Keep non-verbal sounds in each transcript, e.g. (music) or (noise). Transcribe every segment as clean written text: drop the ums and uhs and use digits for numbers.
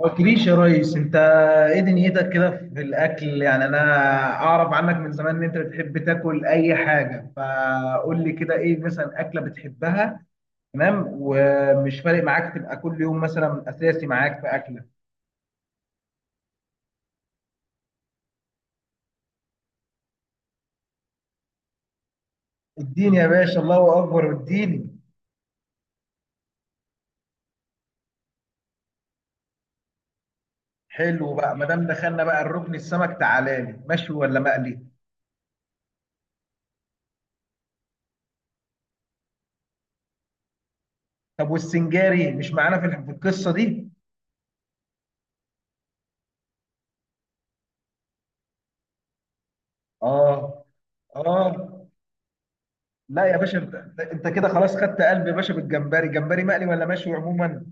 ما قلتليش يا ريس، انت ايه دنيتك كده في الاكل؟ يعني انا اعرف عنك من زمان ان انت بتحب تاكل اي حاجه، فقول لي كده ايه مثلا اكله بتحبها؟ تمام، ومش فارق معاك تبقى كل يوم مثلا اساسي معاك في اكله؟ اديني يا باشا، الله اكبر، اديني. حلو بقى، ما دام دخلنا بقى الركن السمك، تعالى لي مشوي ولا مقلي؟ طب والسنجاري مش معانا في في القصه دي؟ اه، اه. لا يا باشا، انت كده خلاص خدت قلب يا باشا بالجمبري، جمبري مقلي ولا مشوي عموما؟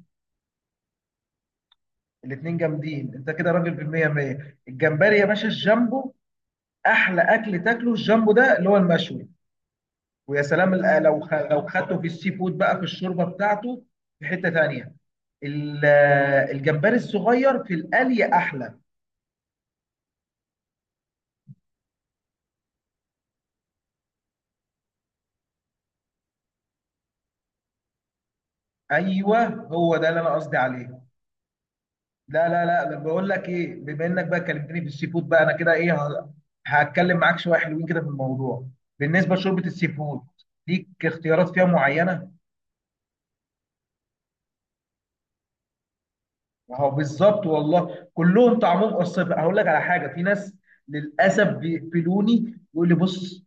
الاتنين جامدين، انت كده راجل بالمية مية. الجمبري يا باشا الجامبو، احلى اكل تاكله الجامبو ده اللي هو المشوي، ويا سلام لو لو خدته في السي فود بقى في الشوربه بتاعته في حته تانية. ال- الجمبري الصغير في القلي احلى. ايوه هو ده اللي انا قصدي عليه. لا لا لا، ده بقول لك ايه، بما انك بقى كلمتني في السي فود، بقى انا كده ايه هتكلم معاك شويه حلوين كده في الموضوع. بالنسبه لشوربه السي فود، ليك اختيارات فيها معينه. اهو بالظبط والله، كلهم طعمهم قصير. هقول لك على حاجه، في ناس للاسف بيقفلوني، يقول لي بص،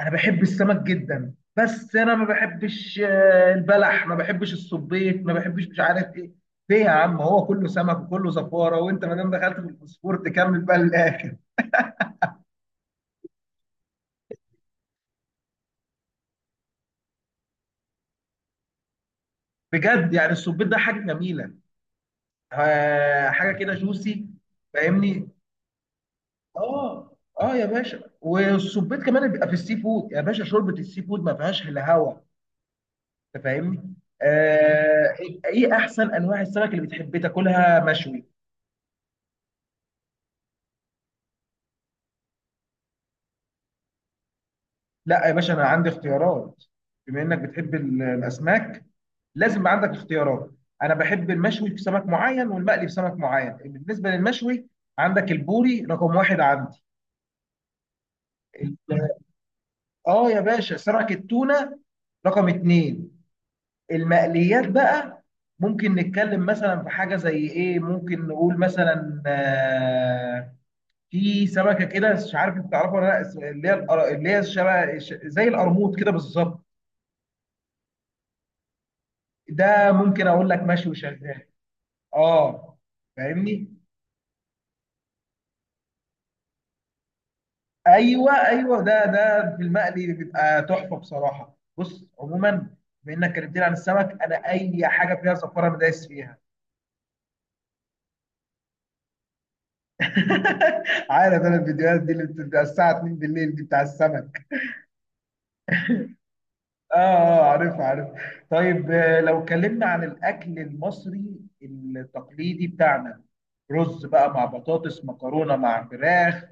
انا بحب السمك جدا، بس انا ما بحبش البلح، ما بحبش الصبيط، ما بحبش، مش عارف ايه. ليه يا عم؟ هو كله سمك وكله زفاره، وانت ما دام دخلت في الفوسفور تكمل بقى للاخر. بجد يعني السبيط ده حاجه جميله، حاجه كده جوسي. فاهمني، اه اه يا باشا. والسبيط كمان بيبقى في السي فود يا باشا، شوربه السي فود ما فيهاش الا هوا، انت فاهمني. آه. ايه احسن انواع السمك اللي بتحب تاكلها مشوي؟ لا يا باشا، انا عندي اختيارات. بما انك بتحب الاسماك، لازم يبقى عندك اختيارات. انا بحب المشوي في سمك معين والمقلي في سمك معين. بالنسبه للمشوي، عندك البوري رقم واحد. عندي اه يا باشا صنعة التونة رقم اتنين. المقليات بقى، ممكن نتكلم مثلا في حاجة زي ايه، ممكن نقول مثلا في سمكة كده مش عارف انت تعرفها ولا لا، اللي هي اللي هي شبه زي القرموط كده بالظبط. ده ممكن اقول لك مشوي شغال. اه، فاهمني. ايوه ايوه، ده ده في المقلي بيبقى تحفة بصراحة. بص عموما بما انك كلمتني عن السمك، انا اي حاجة فيها زفارة انا دايس فيها. عارف انا الفيديوهات دي اللي بتبقى الساعة 2 بالليل دي بتاع السمك. اه اه، عارفها عارفها. طيب لو اتكلمنا عن الاكل المصري التقليدي بتاعنا، رز بقى مع بطاطس، مكرونة مع فراخ،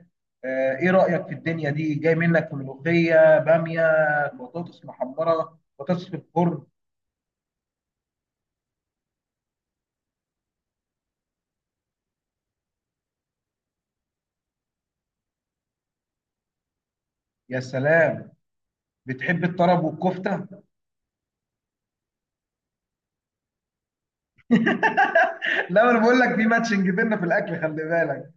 ايه رأيك في الدنيا دي؟ جاي منك ملوخية، بامية، بطاطس محمرة، بطاطس في الفرن. يا سلام، بتحب الطرب والكفتة؟ (laughs) لا، انا بقول لك في ماتشنج بينا في الاكل، خلي بالك.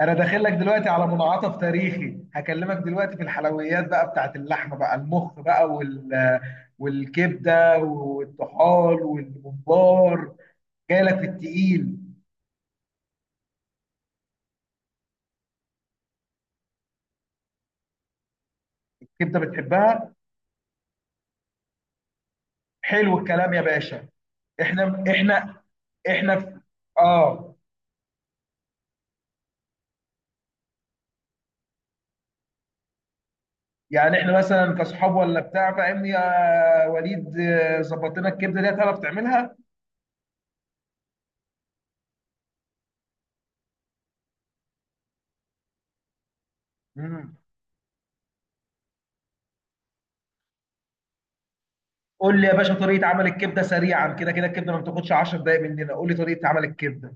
انا داخل لك دلوقتي على منعطف تاريخي، هكلمك دلوقتي في الحلويات بقى بتاعت اللحمه، بقى المخ بقى وال، والكبده والطحال والممبار، جاي لك في التقيل. الكبده بتحبها؟ حلو الكلام يا باشا. احنا احنا في اه يعني احنا مثلا كصحاب ولا بتاع، فاهمني يا وليد؟ ظبط لنا الكبده دي، تعرف تعملها؟ مم. قول لي يا باشا طريقه عمل الكبده سريعا، كده كده الكبده ما بتاخدش 10 دقائق مننا. قول لي طريقه عمل الكبده.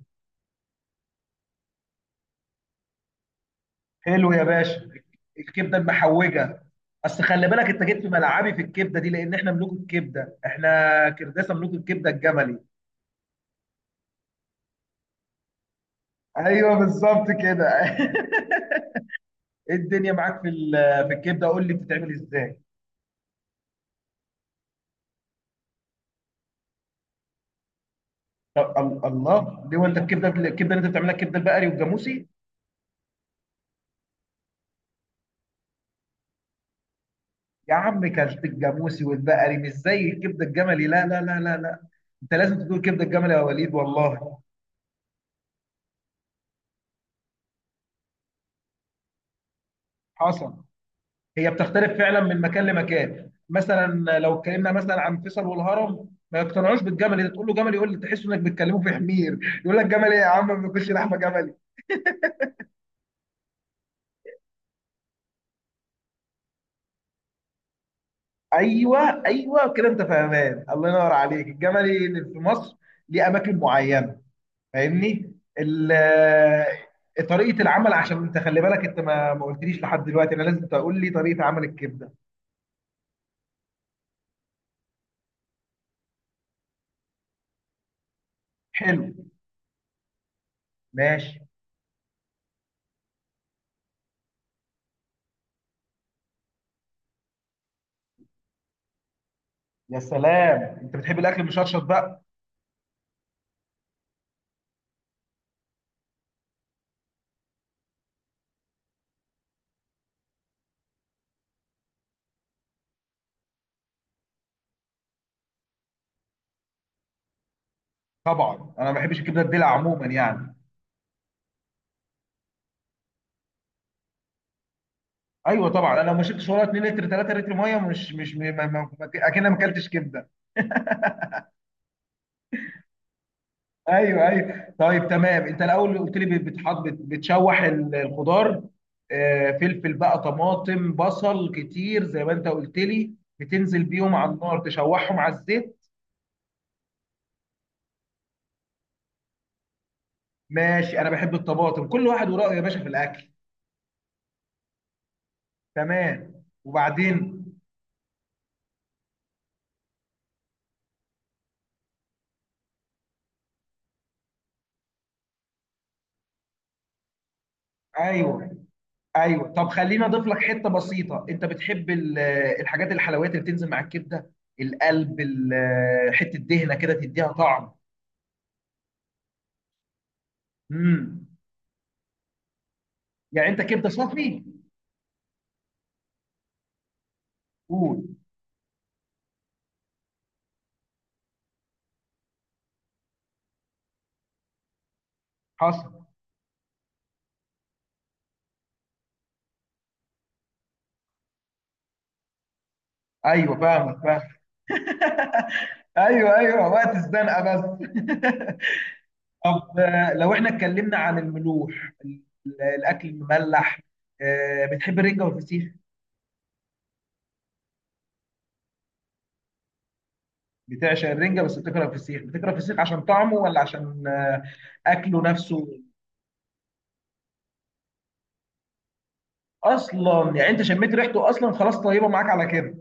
حلو يا باشا، الكبده المحوجه. اصل خلي بالك، انت جيت في ملعبي في الكبده دي، لان احنا ملوك الكبده، احنا كرداسه ملوك الكبده الجملي. ايوه بالظبط كده. (laughs) ايه الدنيا معاك في في الكبده؟ قول لي بتتعمل ازاي؟ طب الله ليه هو انت الكبده اللي انت بتعملها، الكبده البقري والجاموسي؟ يا عم كلت الجاموسي والبقري، مش زي الكبده الجملي، لا لا لا لا لا، انت لازم تدوق كبده الجملي يا وليد، والله. حصل، هي بتختلف فعلا من مكان لمكان. مثلا لو اتكلمنا مثلا عن فيصل والهرم، ما يقتنعوش بالجمل، انت تقول له جمل يقول لك تحس انك بتكلمه في حمير، يقول لك جمل ايه يا عم، ما بياكلش لحمه جملي. ايوه ايوه كده انت فاهمان، الله ينور عليك. الجملي اللي في مصر ليه اماكن معينه، فاهمني. ال- طريقه العمل، عشان انت خلي بالك، انت ما قلتليش لحد دلوقتي، انا لازم تقول لي طريقه عمل الكبده. حلو، ماشي. يا سلام، انت بتحب الاكل مشطشط بقى؟ طبعا انا ما بحبش الكبده الدلع عموما يعني. ايوه طبعا، انا لو ما شربتش ولا 2 لتر 3 لتر ميه، مش ما اكن ما اكلتش كبده. ايوه ايوه، طيب تمام، انت الاول قلت لي بتحط بتشوح الخضار، فلفل بقى، طماطم، بصل كتير زي ما انت قلت لي، بتنزل بيهم على النار تشوحهم على الزيت. ماشي، انا بحب الطماطم، كل واحد ورايه يا باشا في الاكل. تمام، وبعدين؟ ايوه ايوه. طب خليني اضيف لك حته بسيطه، انت بتحب الحاجات الحلويات اللي بتنزل مع الكبده، القلب، حته دهنه كده تديها طعم. امم، يعني انت كبده صافي؟ قول. حصل. ايوه فاهمك، فاهم. (laughs) ايوه ايوه، وقت الزنقه بس. (laughs) طب لو احنا اتكلمنا عن الملوح الاكل المملح، بتحب الرنجه والفسيخ؟ بتعشق الرنجه بس بتكره الفسيخ، بتكره الفسيخ عشان طعمه ولا عشان اكله نفسه؟ اصلا يعني انت شميت ريحته، اصلا خلاص طيبه معاك على كده.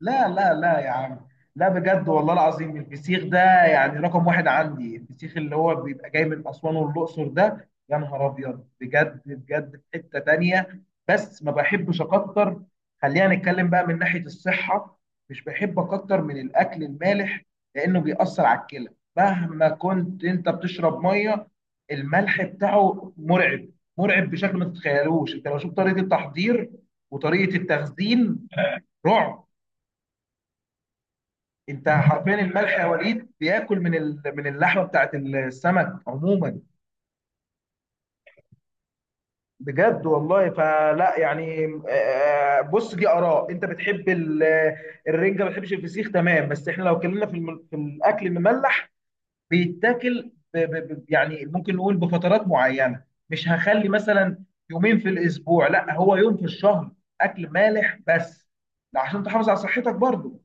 لا لا لا يا عم، لا بجد والله العظيم، الفسيخ ده يعني رقم واحد عندي، الفسيخ اللي هو بيبقى جاي من أسوان والأقصر ده يا نهار أبيض، بجد بجد في حتة تانية. بس ما بحبش أكتر، خلينا نتكلم بقى من ناحية الصحة، مش بحب أكتر من الأكل المالح، لأنه بيأثر على الكلى، مهما كنت أنت بتشرب مية، الملح بتاعه مرعب، مرعب بشكل ما تتخيلوش. أنت لو شفت طريقة التحضير وطريقة التخزين، رعب. انت حرفيا الملح يا وليد بياكل من من اللحمه بتاعت السمك عموما. بجد والله، فلا يعني بص، دي اراء، انت بتحب الرنجه ما بتحبش الفسيخ، تمام. بس احنا لو اتكلمنا في في الاكل المملح، بيتاكل يعني ممكن نقول بفترات معينه. مش هخلي مثلا يومين في الاسبوع، لا، هو يوم في الشهر اكل مالح بس، لا عشان تحافظ على صحتك برضو.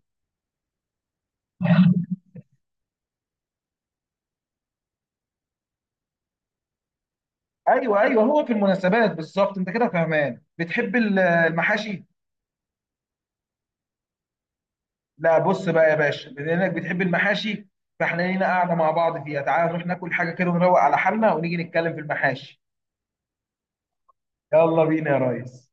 ايوه ايوه، هو في المناسبات بالظبط. انت كده فهمان، بتحب المحاشي. لا، بص بقى يا باشا، بما انك بتحب المحاشي، فاحنا لينا قاعده مع بعض فيها، تعال نروح ناكل حاجه كده ونروق على حالنا، ونيجي نتكلم في المحاشي. يلا بينا يا ريس.